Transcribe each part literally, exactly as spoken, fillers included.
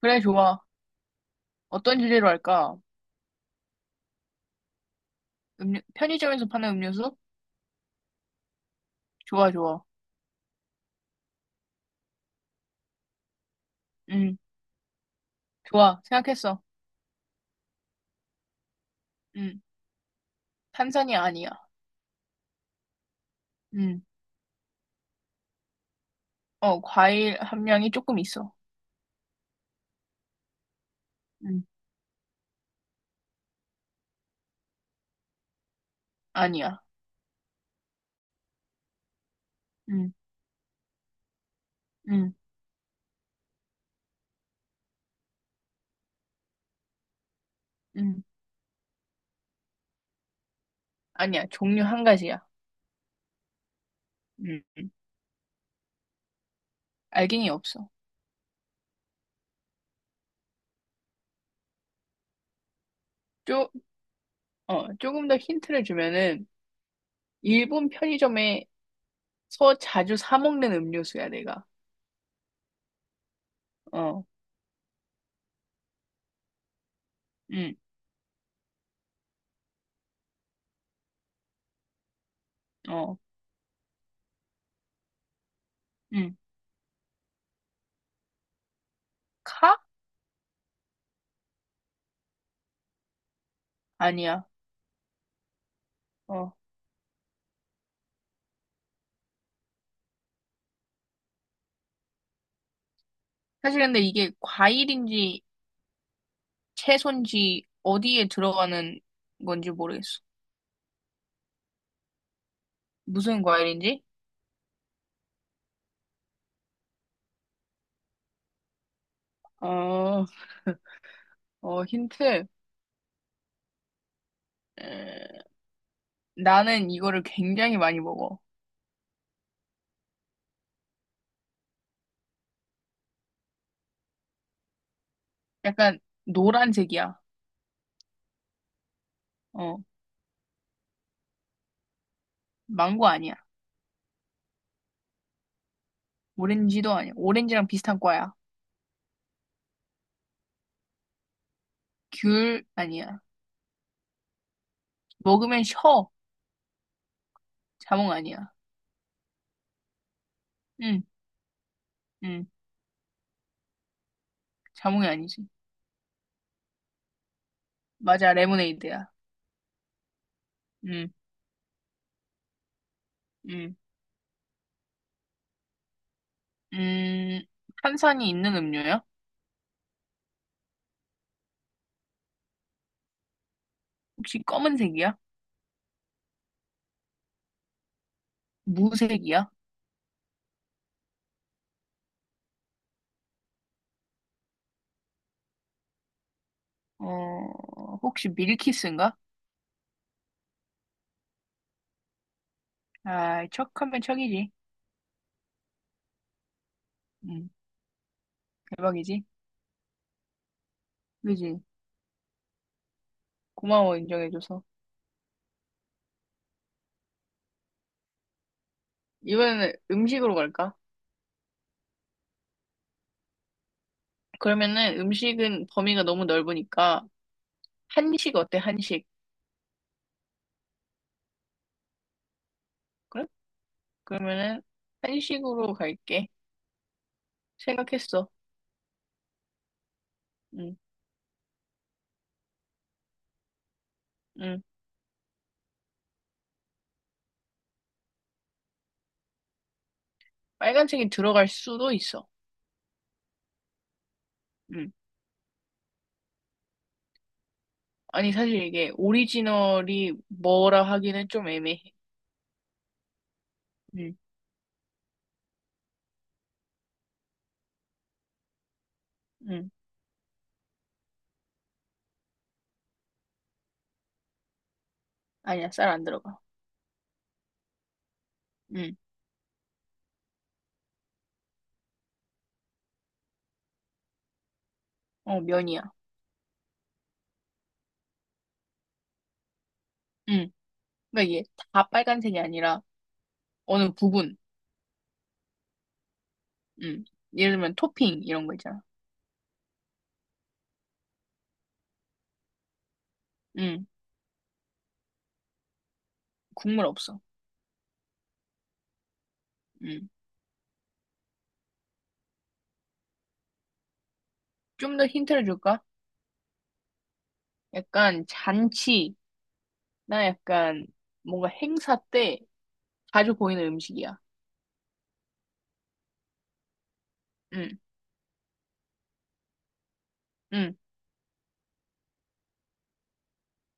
그래, 좋아. 어떤 주제로 할까? 음료, 편의점에서 파는 음료수? 좋아, 좋아. 음, 좋아. 생각했어. 음, 탄산이 아니야. 음, 어, 과일 함량이 조금 있어. 음, 아니야. 음, 음, 음, 아니야. 종류 한 가지야. 음, 알갱이 없어. 쪼, 어, 조금 더 힌트를 주면은, 일본 편의점에서 자주 사 먹는 음료수야, 내가. 어, 음, 어, 음, 카? 아니야. 어. 사실 근데 이게 과일인지 채소인지 어디에 들어가는 건지 모르겠어. 무슨 과일인지? 어, 어, 힌트. 에, 나는 이거를 굉장히 많이 먹어. 약간 노란색이야. 어, 망고 아니야. 오렌지도 아니야. 오렌지랑 비슷한 과야. 귤 아니야. 먹으면 셔. 자몽 아니야. 응, 응. 자몽이 아니지. 맞아, 레모네이드야. 응, 응. 음, 탄산이 있는 음료야? 혹시 검은색이야? 무색이야? 어, 혹시 밀키스인가? 아, 척하면 척이지. 응, 대박이지. 그지? 고마워, 인정해줘서. 이번에는 음식으로 갈까? 그러면은 음식은 범위가 너무 넓으니까, 한식 어때, 한식? 그래? 그러면은 한식으로 갈게. 생각했어. 응, 응. 빨간색이 들어갈 수도 있어. 응. 아니, 사실 이게 오리지널이 뭐라 하기는 좀 애매해. 응, 응. 아니야, 쌀 안 들어가. 응, 어, 면이야. 응. 그러니까 이게 다 빨간색이 아니라 어느 부분. 음. 예를 들면 토핑 이런 거 있잖아. 음. 국물 없어. 음. 좀 더 힌트를 줄까? 약간 잔치나 약간 뭔가 행사 때 자주 보이는 음식이야. 음. 음.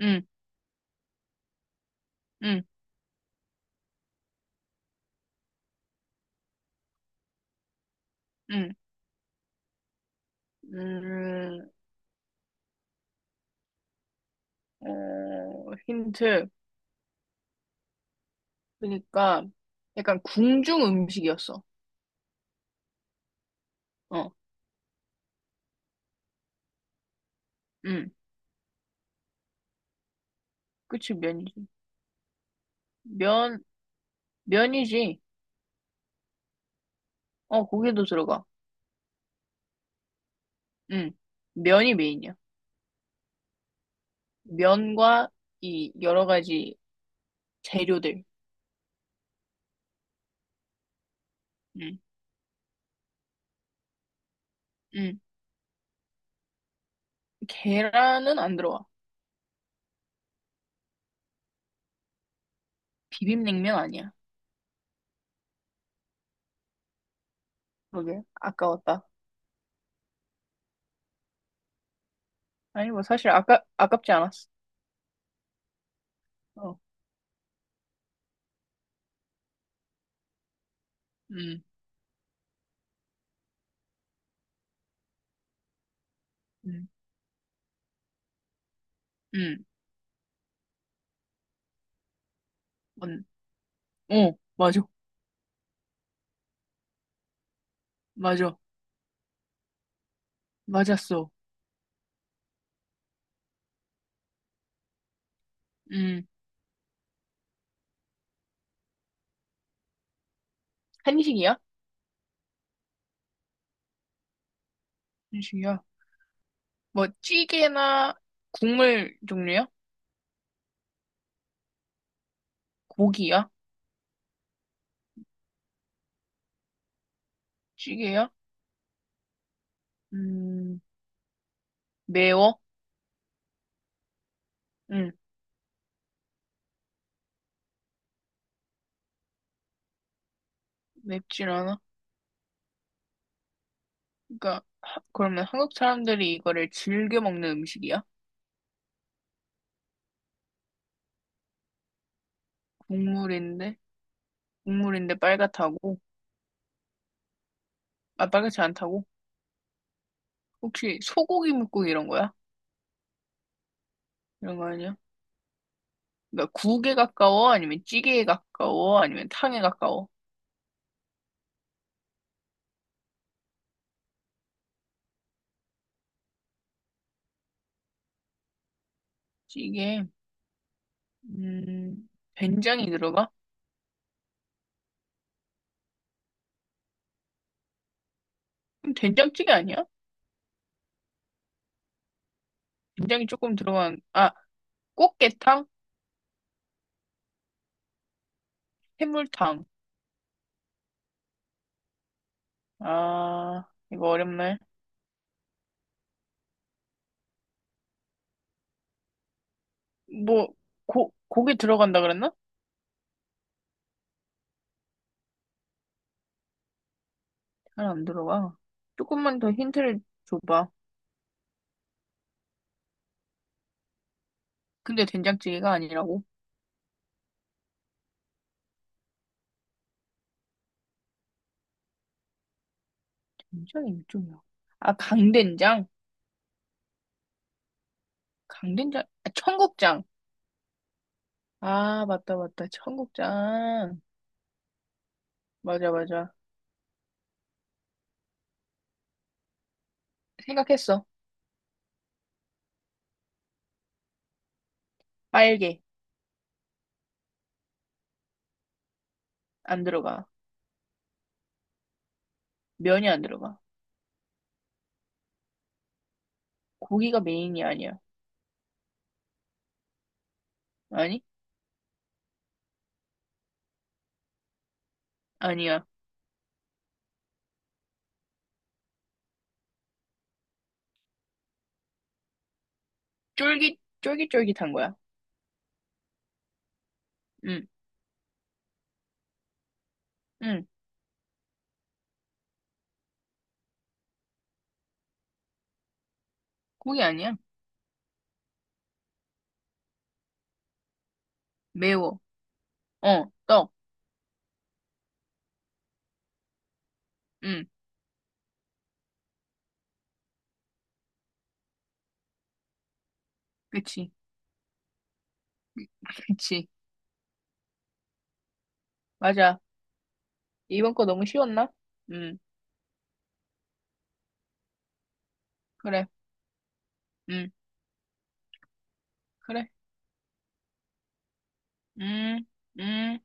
음. 음. 음. 음. 어, 힌트. 그러니까 약간 궁중 음식이었어. 어. 음. 그치 면이지. 면 면이지. 어, 고기도 들어가. 음. 면이 메인이야. 면과 이 여러 가지 재료들. 응, 응. 계란은 안 들어와. 비빔냉면 아니야. 그게 아까웠다. 아니 뭐 사실 아까 아깝지 않았어. 어, 응, 응, 응. 뭔? 어, 맞아, 맞아, 맞았어. 응. 한식이야? 한식이야. 뭐 찌개나 국물 종류야? 고기야? 찌개야? 음, 매워? 응, 맵진 않아. 그러니까 하- 그러면 한국 사람들이 이거를 즐겨 먹는 음식이야? 동물인데? 동물인데 빨갛다고? 아, 빨갛지 않다고? 혹시 소고기, 묵고기 이런 거야? 이런 거 아니야? 그러니까 국에 가까워? 아니면 찌개에 가까워? 아니면 탕에 가까워? 찌개, 음, 된장이 들어가? 그럼 된장찌개 아니야? 된장이 조금 들어간, 아, 꽃게탕? 해물탕. 아, 이거 어렵네. 뭐, 고, 고기 들어간다 그랬나? 잘 안 들어가. 조금만 더 힌트를 줘봐. 근데 된장찌개가 아니라고? 된장이 일종이야. 아, 강된장? 강된장? 아, 청국장. 아, 맞다, 맞다. 청국장. 맞아, 맞아. 생각했어. 빨개. 안 들어가. 면이 안 들어가. 고기가 메인이 아니야. 아니? 아니야. 쫄깃, 쫄깃쫄깃한 거야. 응, 응. 고기 아니야. 매워. 어, 떡. 응, 그치. 그치. 맞아. 이번 거 너무 쉬웠나? 응, 그래. 응, 그래. 응, 응.